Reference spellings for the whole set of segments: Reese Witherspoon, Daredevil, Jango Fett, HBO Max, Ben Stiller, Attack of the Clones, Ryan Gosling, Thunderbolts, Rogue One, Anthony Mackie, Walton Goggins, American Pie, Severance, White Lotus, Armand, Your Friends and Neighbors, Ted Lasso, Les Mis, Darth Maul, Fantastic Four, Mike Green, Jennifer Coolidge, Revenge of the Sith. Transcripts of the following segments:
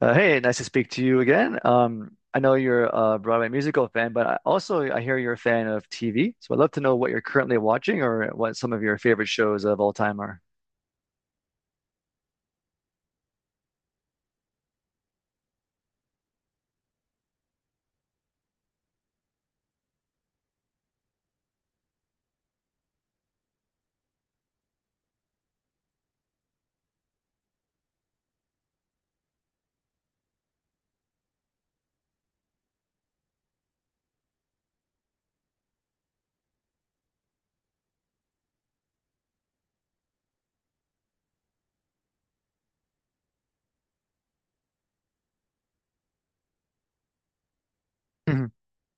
Hey, nice to speak to you again. I know you're a Broadway musical fan, but I also I hear you're a fan of TV. So I'd love to know what you're currently watching or what some of your favorite shows of all time are. Mhm.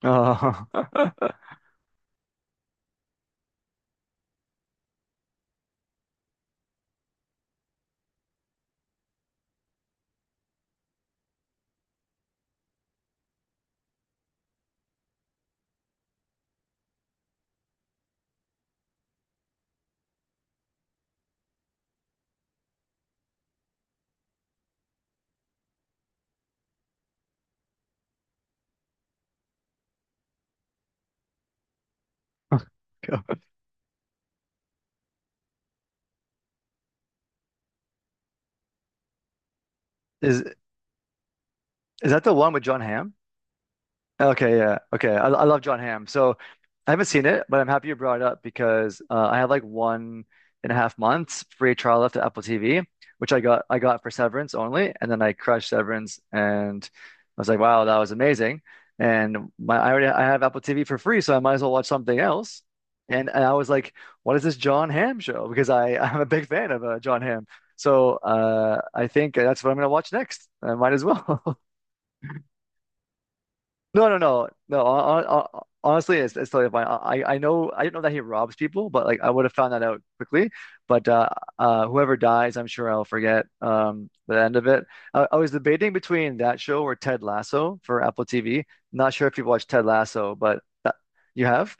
Oh, is is that the one with John Hamm? Okay, yeah. Okay. I love John Hamm. So I haven't seen it, but I'm happy you brought it up because I had like 1.5 months free trial left at Apple TV, which I got for Severance only, and then I crushed Severance and I was like, wow, that was amazing. And my I already I have Apple TV for free, so I might as well watch something else. And I was like, what is this John Hamm show? Because I'm a big fan of John Hamm. So I think that's what I'm gonna watch next. I might as well. No, no, no, no. Honestly, it's totally fine. I know I don't know that he robs people, but like I would have found that out quickly. But whoever dies, I'm sure I'll forget the end of it. I was debating between that show or Ted Lasso for Apple TV. Not sure if you watched Ted Lasso, but that, you have.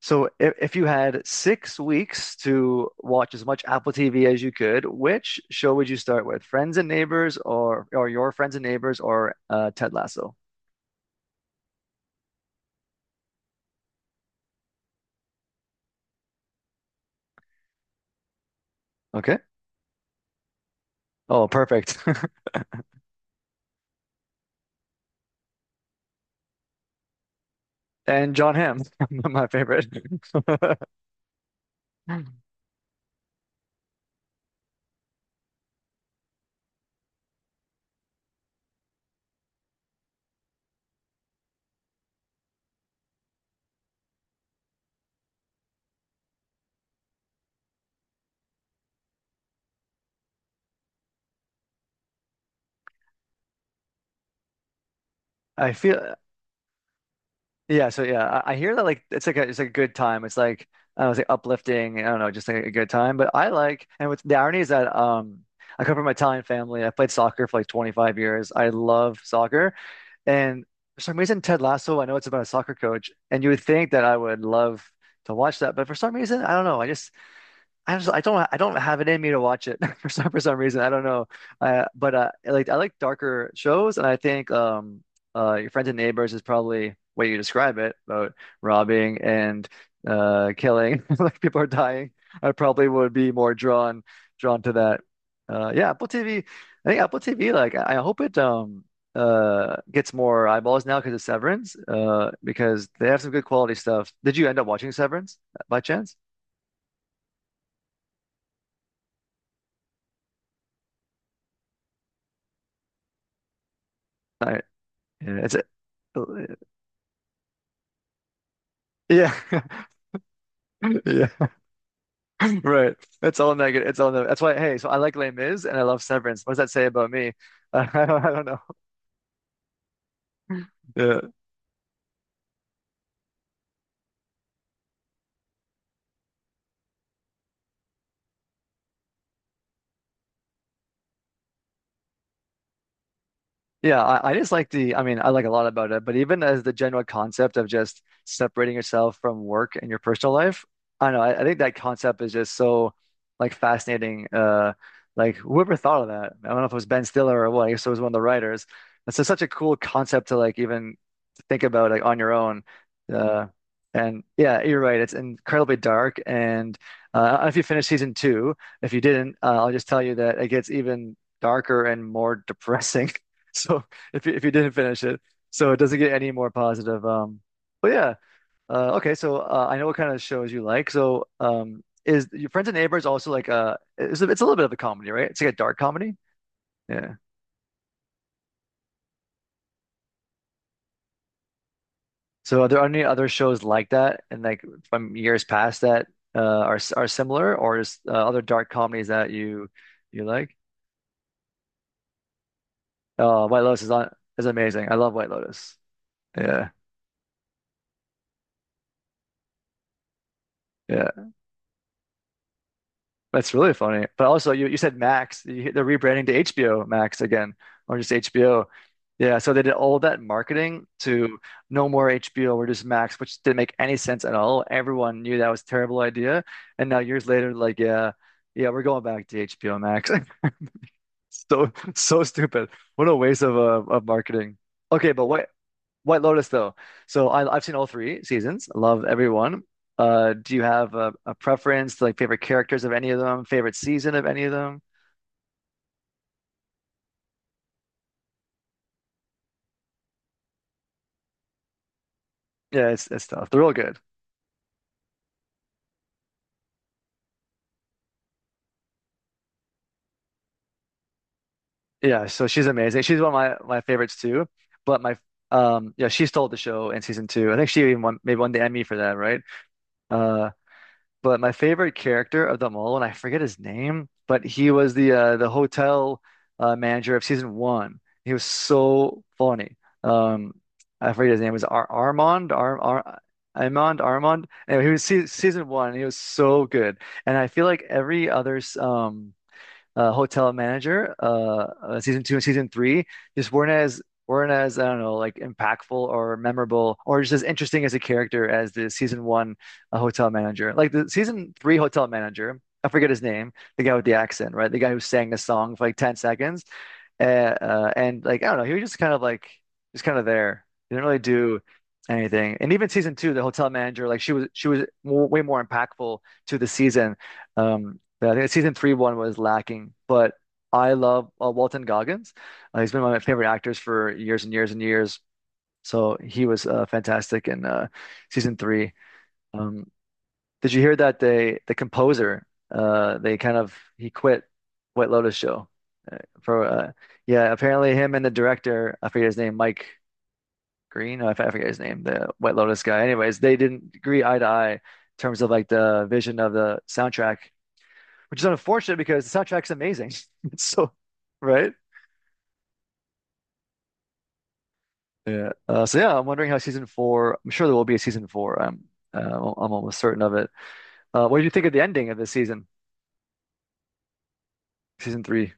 So if you had 6 weeks to watch as much Apple TV as you could, which show would you start with? Friends and Neighbors, or Your Friends and Neighbors, or Ted Lasso? Okay. Oh, perfect. And John Hamm, my favorite. I feel Yeah, so yeah, I hear that like it's like a good time. It's like I don't know, it's like uplifting, I don't know, just like a good time. But I like, and with the irony is that I come from an Italian family. I played soccer for like 25 years. I love soccer. And for some reason, Ted Lasso, I know it's about a soccer coach, and you would think that I would love to watch that, but for some reason, I don't know. I just I just I don't have it in me to watch it for some reason I don't know, but I like darker shows and I think Your Friends and Neighbors is probably way you describe it, about robbing and killing. Like people are dying, I probably would be more drawn to that. Yeah, Apple TV. I think Apple TV, like I hope it gets more eyeballs now because of Severance, because they have some good quality stuff. Did you end up watching Severance by chance? Yeah, yeah, yeah, right. It's all negative. It's all negative. That's why. Hey, so I like Les Mis and I love Severance. What does that say about me? I don't know. Yeah, I just like I mean, I like a lot about it, but even as the general concept of just separating yourself from work and your personal life, I don't know, I think that concept is just so like fascinating. Like whoever thought of that? I don't know if it was Ben Stiller or what. I guess it was one of the writers. It's just such a cool concept to like even think about like on your own. Uh, and yeah, you're right. It's incredibly dark. And I don't know if you finished season two, if you didn't, I'll just tell you that it gets even darker and more depressing. So if you didn't finish it, so it doesn't get any more positive. But yeah, okay. So I know what kind of shows you like. So is Your Friends and Neighbors also like it's a little bit of a comedy, right? It's like a dark comedy. Yeah. So are there any other shows like that, and like from years past that are similar, or is other dark comedies that you like? Oh, White Lotus is on is amazing. I love White Lotus. Yeah. Yeah. That's really funny. But also, you said Max. You, they're rebranding to HBO Max again, or just HBO. Yeah, so they did all that marketing to no more HBO, we're just Max, which didn't make any sense at all. Everyone knew that was a terrible idea. And now years later, like, yeah, yeah, we're going back to HBO Max. So so stupid. What a waste of marketing. Okay, but what White Lotus though. So I've seen all three seasons. Love everyone. Do you have a preference, like favorite characters of any of them, favorite season of any of them? Yeah, it's tough. They're all good. Yeah, so she's amazing. She's one of my favorites too. But my yeah, she stole the show in season two. I think she even won, maybe won the Emmy for that, right? Uh But my favorite character of them all, and I forget his name, but he was the hotel manager of season one. He was so funny. Um, I forget his name. It was Ar Armand, Ar Ar Armand, Armand. Anyway, he was se season one. And he was so good, and I feel like every other Hotel Manager, season two and season three, just weren't as I don't know, like impactful or memorable or just as interesting as a character as the season one Hotel Manager. Like the season three Hotel Manager, I forget his name, the guy with the accent, right? The guy who sang the song for like 10 seconds. And like I don't know, he was just kind of like just kind of there. He didn't really do anything. And even season two, the hotel manager, like she was more, way more impactful to the season. But I think season three one was lacking. But I love Walton Goggins. He's been one of my favorite actors for years and years and years. So he was fantastic in season three. Um, did you hear that the composer, they kind of he quit White Lotus show? Pro, uh, yeah, apparently him and the director, I forget his name, Mike Green, I forget his name, the White Lotus guy. Anyways, they didn't agree eye to eye in terms of like the vision of the soundtrack, which is unfortunate because the soundtrack's amazing. It's so right. Yeah. So yeah, I'm wondering how season four. I'm sure there will be a season four. I'm almost certain of it. What did you think of the ending of this season, season three?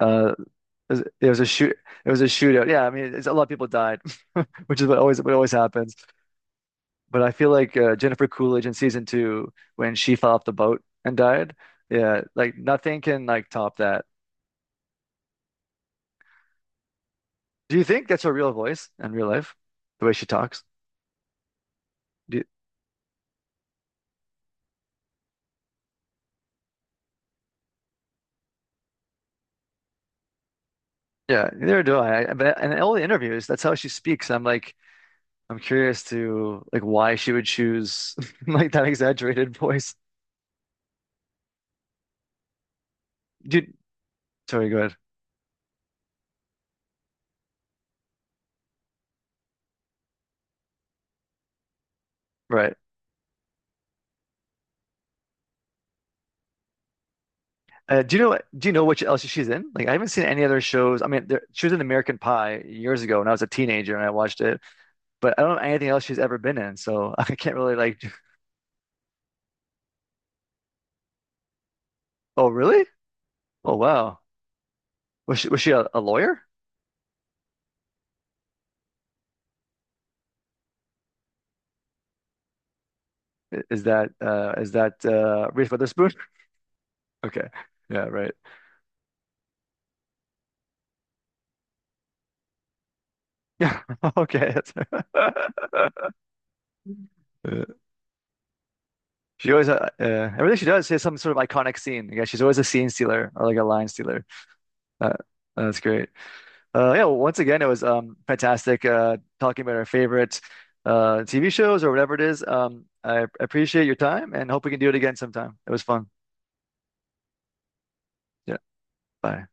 Uh, it it was a shoot. It was a shootout. Yeah, I mean, it's, a lot of people died, which is what always happens. But I feel like Jennifer Coolidge in season two, when she fell off the boat and died, yeah, like nothing can like top that. Do you think that's her real voice in real life, the way she talks? Do you- yeah, neither do I. But in all the interviews, that's how she speaks. I'm like, I'm curious to like why she would choose like that exaggerated voice. Do you, sorry, go ahead. Right. Do you know what else she's in? Like I haven't seen any other shows. I mean, she was in American Pie years ago when I was a teenager and I watched it, but I don't know anything else she's ever been in, so I can't really like. Oh, really? Oh, wow. Was she a lawyer? Is that Reese Witherspoon? Okay, yeah, right. Yeah, okay. That's... Uh, She always everything she does, she has some sort of iconic scene. Yeah, she's always a scene stealer or like a line stealer. Uh, that's great. Yeah, well, once again, it was fantastic talking about our favorite TV shows or whatever it is. I appreciate your time and hope we can do it again sometime. It was fun. Yeah. Bye.